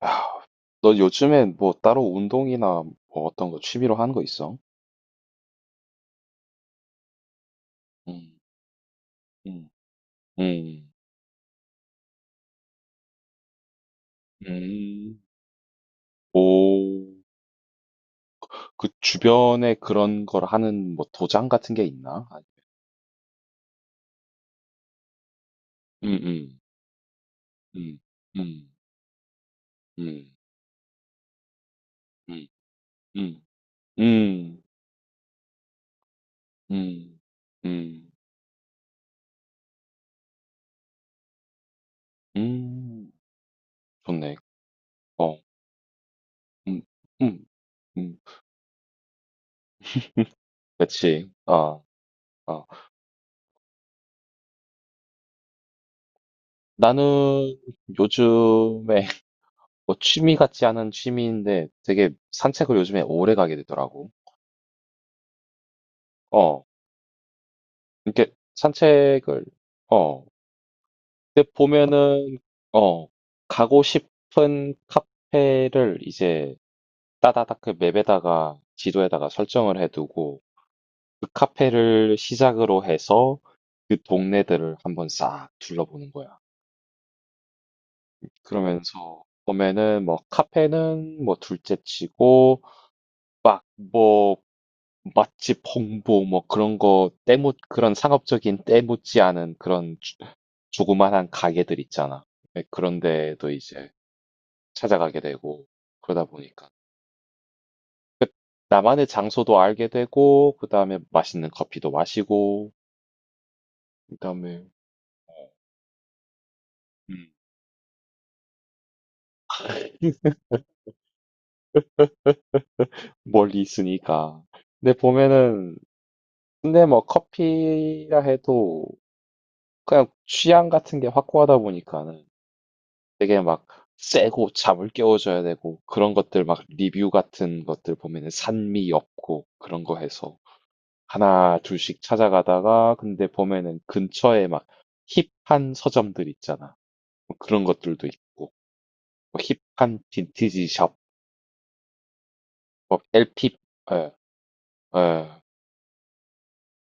아, 너 요즘에 뭐 따로 운동이나 뭐 어떤 거 취미로 하는 거 있어? 음, 음, 음, 음. 오, 그 주변에 그런 걸 하는 뭐 도장 같은 게 있나? 아, 음, 음, 음, 음, 음, 음, 음, 음, 음, 음, 음. 좋네. 어, 음, 음, 음. 그치. 아, 아. 나는 요즘에 뭐 취미 같지 않은 취미인데 되게 산책을 요즘에 오래 가게 되더라고. 어, 이렇게 산책을, 어, 근데 보면은, 어, 가고 싶은 카페를 이제 따다닥 그 맵에다가 지도에다가 설정을 해두고 그 카페를 시작으로 해서 그 동네들을 한번 싹 둘러보는 거야. 그러면서 보면은 뭐 카페는 뭐 둘째 치고 막뭐 맛집 홍보 뭐 그런 거 때묻 그런 상업적인 때묻지 않은 그런 조- 조그만한 가게들 있잖아. 네, 그런 데도 이제 찾아가게 되고 그러다 보니까 그 나만의 장소도 알게 되고 그다음에 맛있는 커피도 마시고 그다음에 어, 음. 멀리 있으니까. 근데 보면은 근데 뭐 커피라 해도 그냥 취향 같은 게 확고하다 보니까는 되게 막 세고 잠을 깨워줘야 되고 그런 것들 막 리뷰 같은 것들 보면은 산미 엽고 그런 거 해서 하나 둘씩 찾아가다가 근데 보면은 근처에 막 힙한 서점들 있잖아. 뭐 그런 것들도 있고 뭐 힙한 빈티지 샵, 뭐 LP, 예, 예.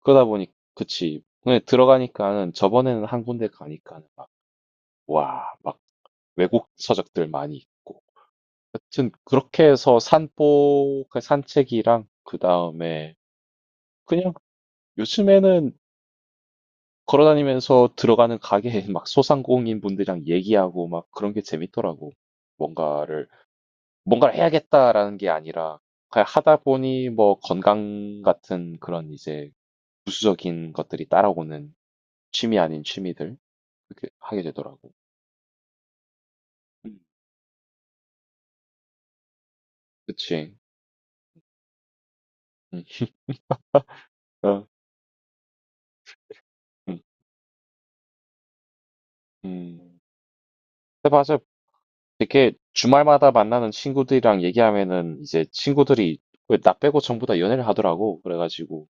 그러다 보니 그치. 근데 들어가니까는 저번에는 한 군데 가니까는 막 와, 막 외국 서적들 많이 있고 하여튼 그렇게 해서 산보 그 산책이랑 그다음에 그냥 요즘에는 걸어 다니면서 들어가는 가게에 막 소상공인 분들이랑 얘기하고 막 그런 게 재밌더라고. 뭔가를 '뭔가를 해야겠다.'라는 게 아니라 그냥 하다 보니 뭐 건강 같은 그런 이제 부수적인 것들이 따라오는 취미 아닌 취미들 그렇게 하게 되더라고. 음. 그치. 음. 어. 음. 음. 근데 맞아. 이렇게 주말마다 만나는 친구들이랑 얘기하면은 이제 친구들이 왜나 빼고 전부 다 연애를 하더라고. 그래가지고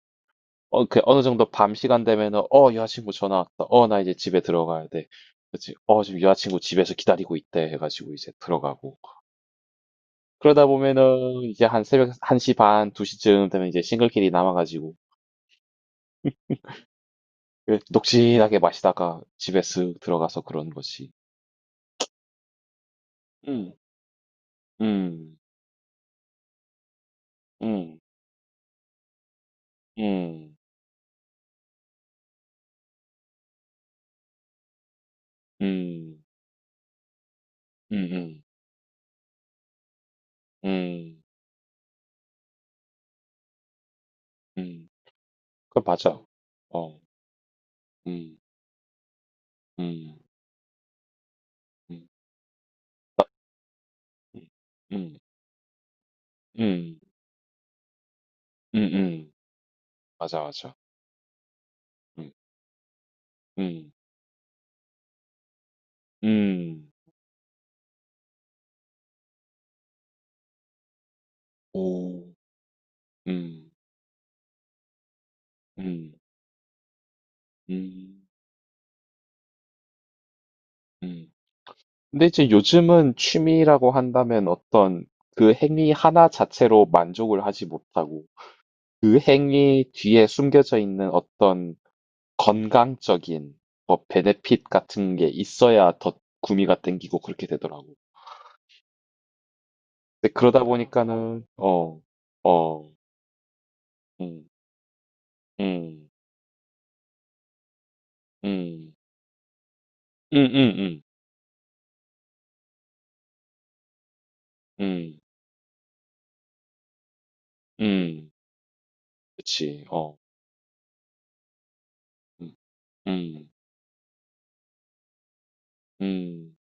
어, 그 어느 정도 밤 시간 되면은 어 여자친구 전화 왔다. 어 나 이제 집에 들어가야 돼. 그치? 어 지금 여자친구 집에서 기다리고 있대 해가지고 이제 들어가고 그러다 보면은 이제 한 새벽 1시 반, 2시쯤 되면 이제 싱글끼리 남아가지고 그 녹진하게 마시다가 집에 쓱 들어가서 그런 거지. 음, 음, 음, 음, 음, 음, 음, 음, 음. 그 맞아. 어. 음. 음. 음. 음. 음. 음. 음음. 맞아, 맞아. 음. 음. 음. 오. 음. 음. 음. 음. 근데 이제 요즘은 취미라고 한다면 어떤 그 행위 하나 자체로 만족을 하지 못하고 그 행위 뒤에 숨겨져 있는 어떤 건강적인 뭐 베네핏 같은 게 있어야 더 구미가 땡기고 그렇게 되더라고. 근데 그러다 보니까는 어, 어, 음, 음, 음, 음 음 음, 음, 음, 음, 음, 그치, 어, 음, 음, 음,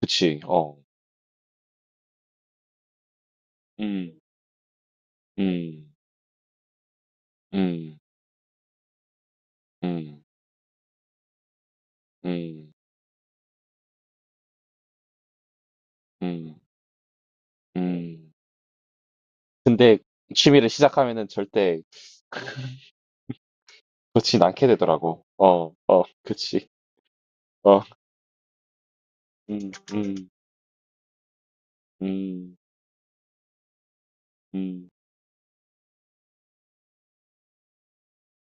그치, 어, 음, 음, 음, 음, 음, 음, 음. 근데 취미를 시작하면은 절대 그렇진 않게 되더라고. 어, 어, 그치, 어, 음, 음, 음, 음,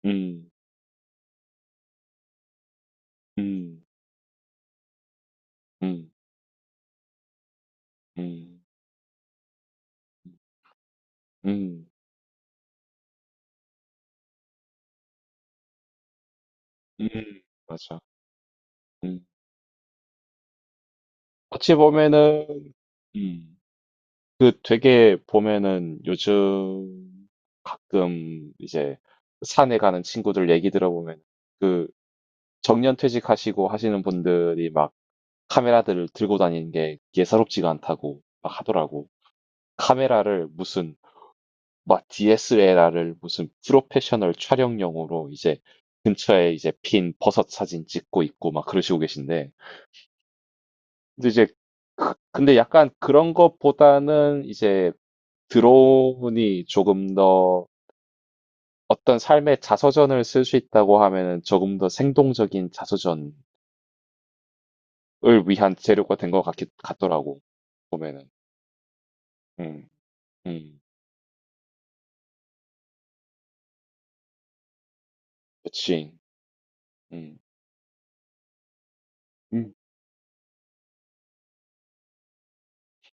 음, 음, 음, 음, 음, 음, 맞아. 음. 어찌 보면은 음. 그 되게 보면은 요즘 가끔 이제 산에 가는 친구들 얘기 들어보면 그 정년 퇴직하시고 하시는 분들이 막 카메라들을 들고 다니는 게 예사롭지가 않다고 막 하더라고. 카메라를 무슨 막 DSLR을 무슨 프로페셔널 촬영용으로 이제 근처에 이제 핀 버섯 사진 찍고 있고 막 그러시고 계신데 근데 이제 그- 근데 약간 그런 것보다는 이제 드론이 조금 더 어떤 삶의 자서전을 쓸 수 있다고 하면은 조금 더 생동적인 자서전을 위한 재료가 된 것 같기 같더라고 보면은 음, 음, 그치, 음, 음,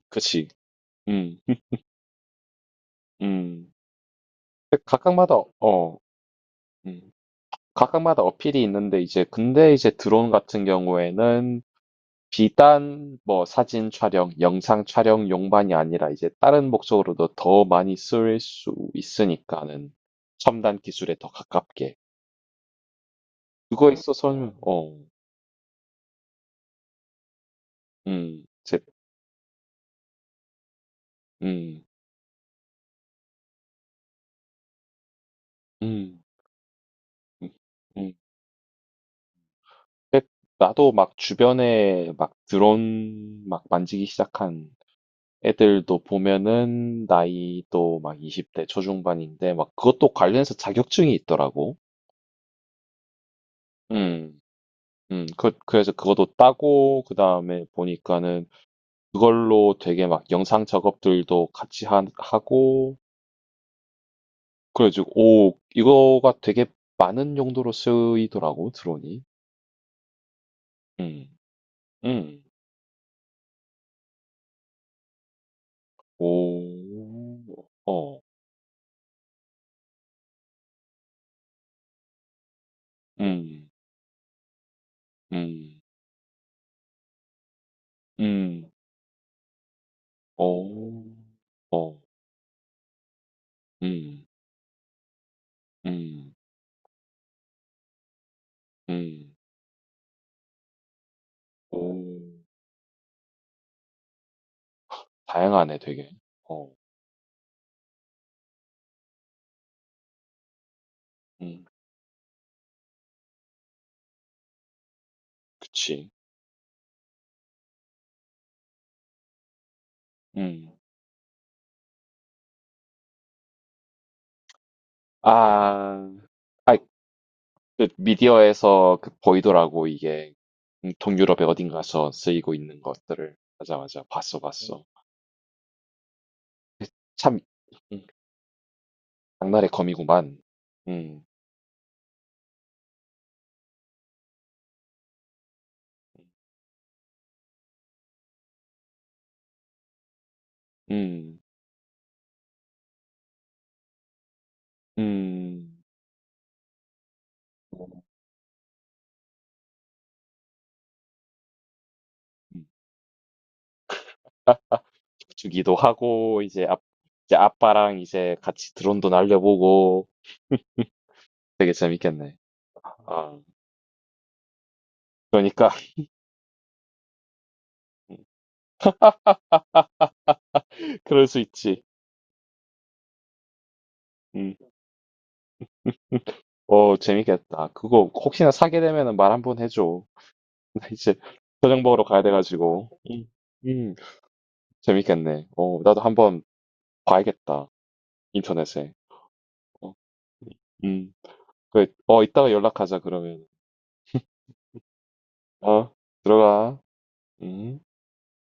그치, 음, 음. 근데 각각마다 어, 음, 각각마다 어필이 있는데 이제 근데 이제 드론 같은 경우에는 비단 뭐 사진 촬영, 영상 촬영용만이 아니라 이제 다른 목적으로도 더 많이 쓸 수 있으니까는 첨단 기술에 더 가깝게. 그거에 있어서는 어, 제, 음, 음, 음, 음. 근데 나도 막 주변에 막 드론 막 만지기 시작한 애들도 보면은 나이도 막 20대 초중반인데 막 그것도 관련해서 자격증이 있더라고. 음. 그, 그래서 그것도 따고, 그 다음에 보니까는 그걸로 되게 막 영상 작업들도 같이 하, 하고, 그래가지고, 오, 이거가 되게 많은 용도로 쓰이더라고, 드론이. 음, 음, 오, 어, 음, 음, 음, 오, 어, 음, 음, 음, 오, 다양하네, 되게. 어, 음, 그치. 음, 아, 아, 그 미디어에서 그 보이더라고 이게 동유럽의 어딘가서 쓰이고 있는 것들을 맞아 맞아 봤어 봤어 참 음, 장날의 검이구만 음 음, 음, 음. 아, 주기도 하고 이제 아, 이제 아빠랑 이제 같이 드론도 날려보고 음, 되게 재밌겠네. 아 그러니까 아 그럴 수 있지 음. 어 재밌겠다 그거 혹시나 사게 되면은 말 한번 해줘. 근데 이제 저녁 먹으러 가야 돼가지고. 음, 재밌겠네. 어, 나도 한번 봐야겠다. 인터넷에. 어, 음, 그래. 어, 이따가 연락하자, 그러면. 어, 들어가. 음.